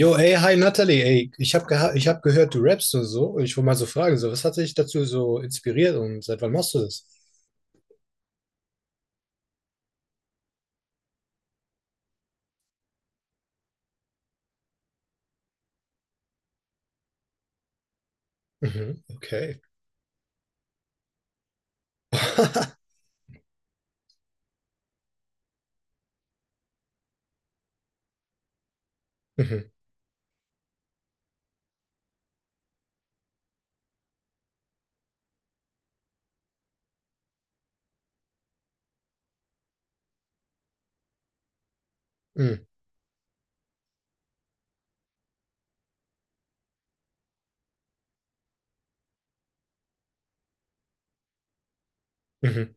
Jo, ey, hi Natalie, ey, ich hab gehört, du rappst und so. Ich wollte mal so fragen, so, was hat dich dazu so inspiriert und seit wann machst du das? Mhm, okay. Mhm, mhm, mhm,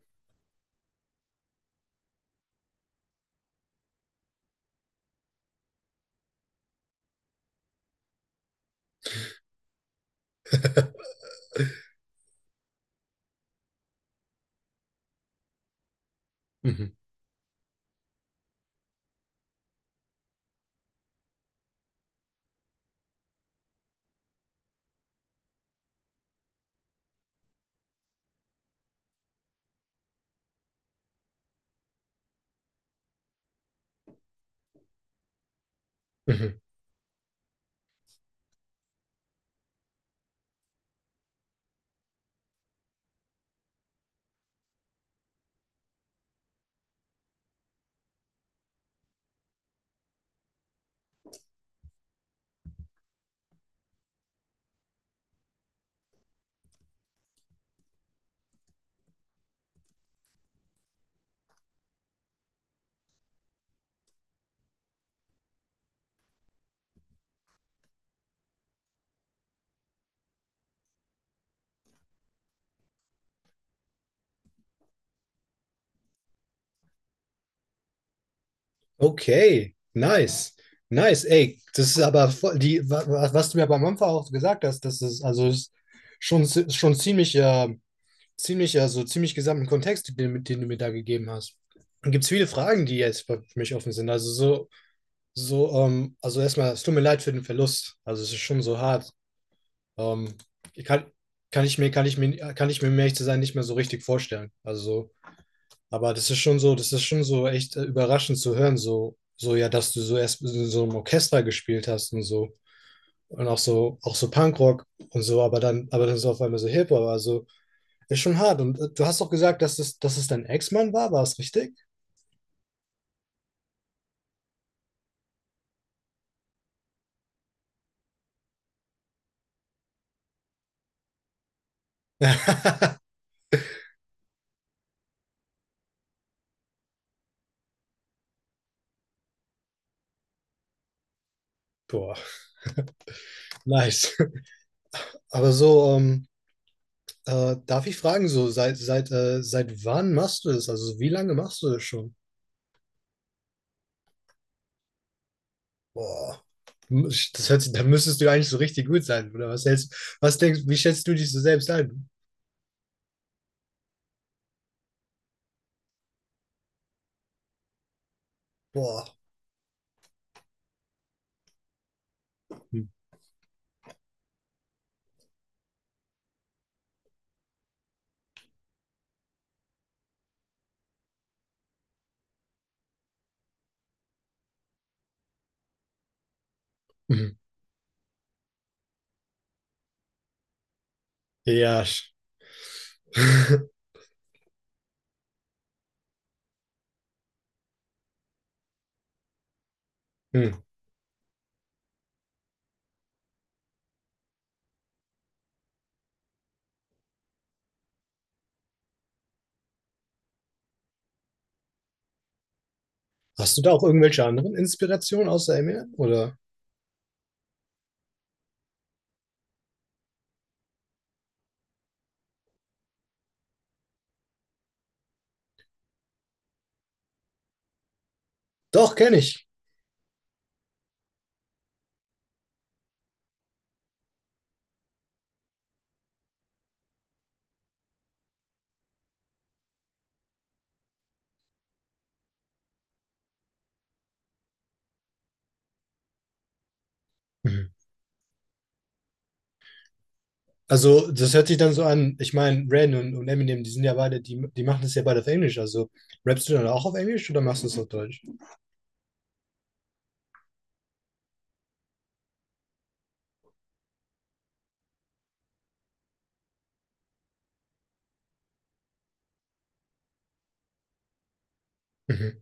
mhm, mhm. Okay, nice, nice, ey, das ist aber voll, was du mir beim Anfang auch gesagt hast, also ist schon ziemlich, also ziemlich gesamten Kontext, den, den du mir da gegeben hast. Gibt es viele Fragen, die jetzt für mich offen sind, also so. So, also erstmal, es tut mir leid für den Verlust. Also es ist schon so hart. Ähm, ich kann, kann ich mir, kann ich mir, kann ich mir, um ehrlich zu sein, nicht mehr so richtig vorstellen. Also so, aber das ist schon so echt überraschend zu hören, so ja, dass du so erst in so einem Orchester gespielt hast und so. Und auch so Punkrock und so, aber dann so auf einmal so Hip-Hop. Also ist schon hart. Und du hast doch gesagt, dass es dein Ex-Mann war, war es richtig? Boah, nice. Aber so, darf ich fragen, so seit wann machst du das? Also wie lange machst du das schon? Boah, da müsstest du eigentlich so richtig gut sein, oder was hältst, was denkst, wie schätzt du dich so selbst ein? Boah. Mhm. Ja. Hm. Hast du da auch irgendwelche anderen Inspirationen außer Eminem, oder? Doch, kenne ich. Mhm. Also, das hört sich dann so an. Ich meine, Ren und Eminem, die sind ja beide, die machen das ja beide auf Englisch. Also, rappst du dann auch auf Englisch oder machst du es auf Deutsch? Mhm.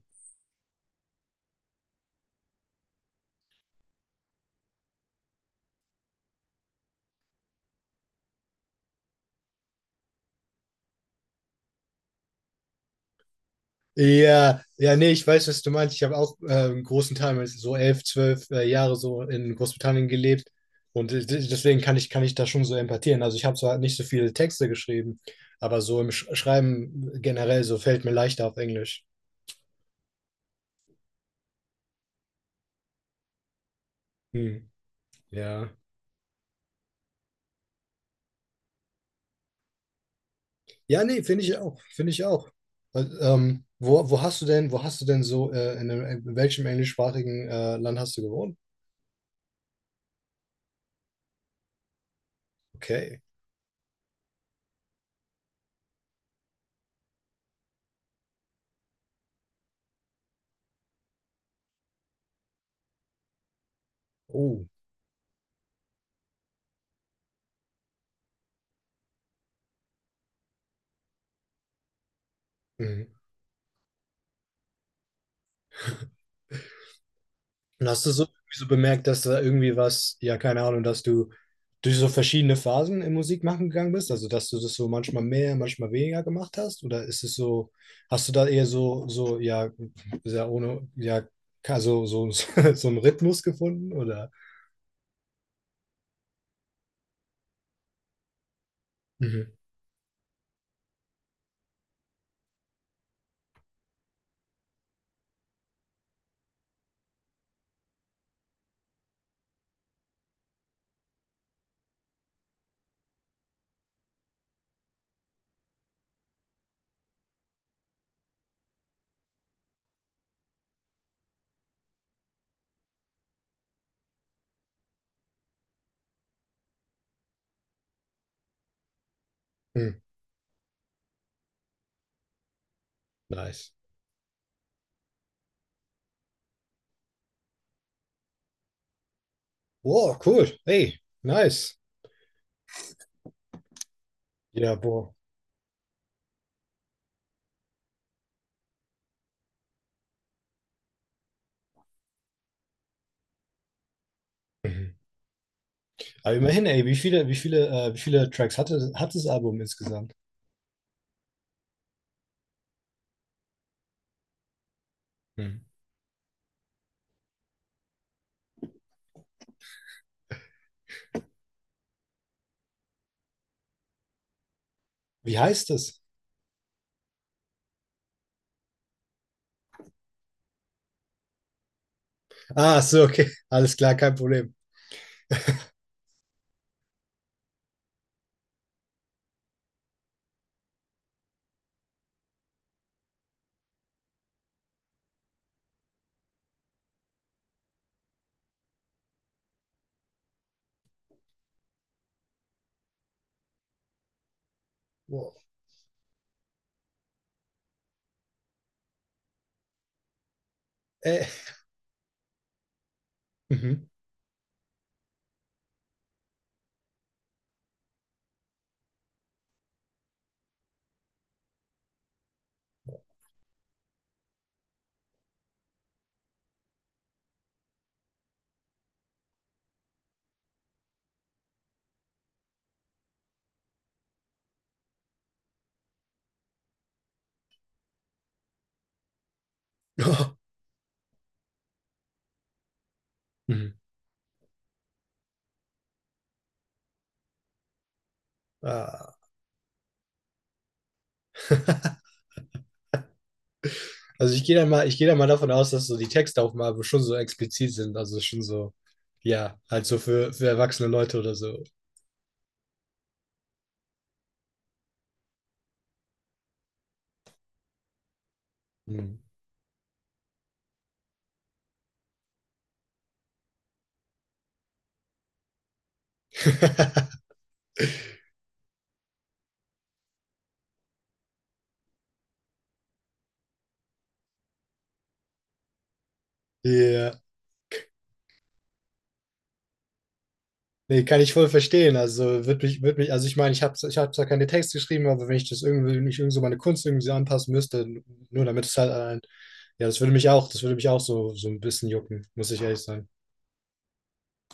Ja, ja, nee, ich weiß, was du meinst. Ich habe auch einen großen Teil, so 11, 12 Jahre so in Großbritannien gelebt. Und deswegen kann ich da schon so empathieren. Also, ich habe zwar nicht so viele Texte geschrieben, aber so im Schreiben generell so fällt mir leichter auf Englisch. Hm. Ja. Ja, nee, finde ich auch, finde ich auch. Weil, wo, wo hast du denn, In welchem englischsprachigen Land hast du gewohnt? Okay. Oh. Mhm. Und hast du so, bemerkt, dass da irgendwie was, ja, keine Ahnung, dass du durch so verschiedene Phasen im Musikmachen gegangen bist? Also, dass du das so manchmal mehr, manchmal weniger gemacht hast? Oder ist es so, hast du da eher so, so, ja, sehr ohne, ja, ka- so, so, so einen Rhythmus gefunden? Oder? Mhm. Mhm. Nice. Wow, cool. Hey, nice. Ja, boah. Mhm. Aber immerhin, ey, wie viele Tracks hat das Album insgesamt? Mhm. Wie heißt es? Ah, so, okay. Alles klar, kein Problem. Boah. Äh. Mhm. Mhm. Ah. Also ich gehe da mal, davon aus, dass so die Texte auf dem Album schon so explizit sind, also schon so, ja, halt so für erwachsene Leute oder so. Mhm. Ja. Nee, kann ich voll verstehen. Also wird mich, also ich meine, ich hab zwar keine Texte geschrieben, aber wenn ich irgendwie so meine Kunst irgendwie so anpassen müsste, nur damit es halt ja, das würde mich auch so ein bisschen jucken, muss ich ehrlich sagen.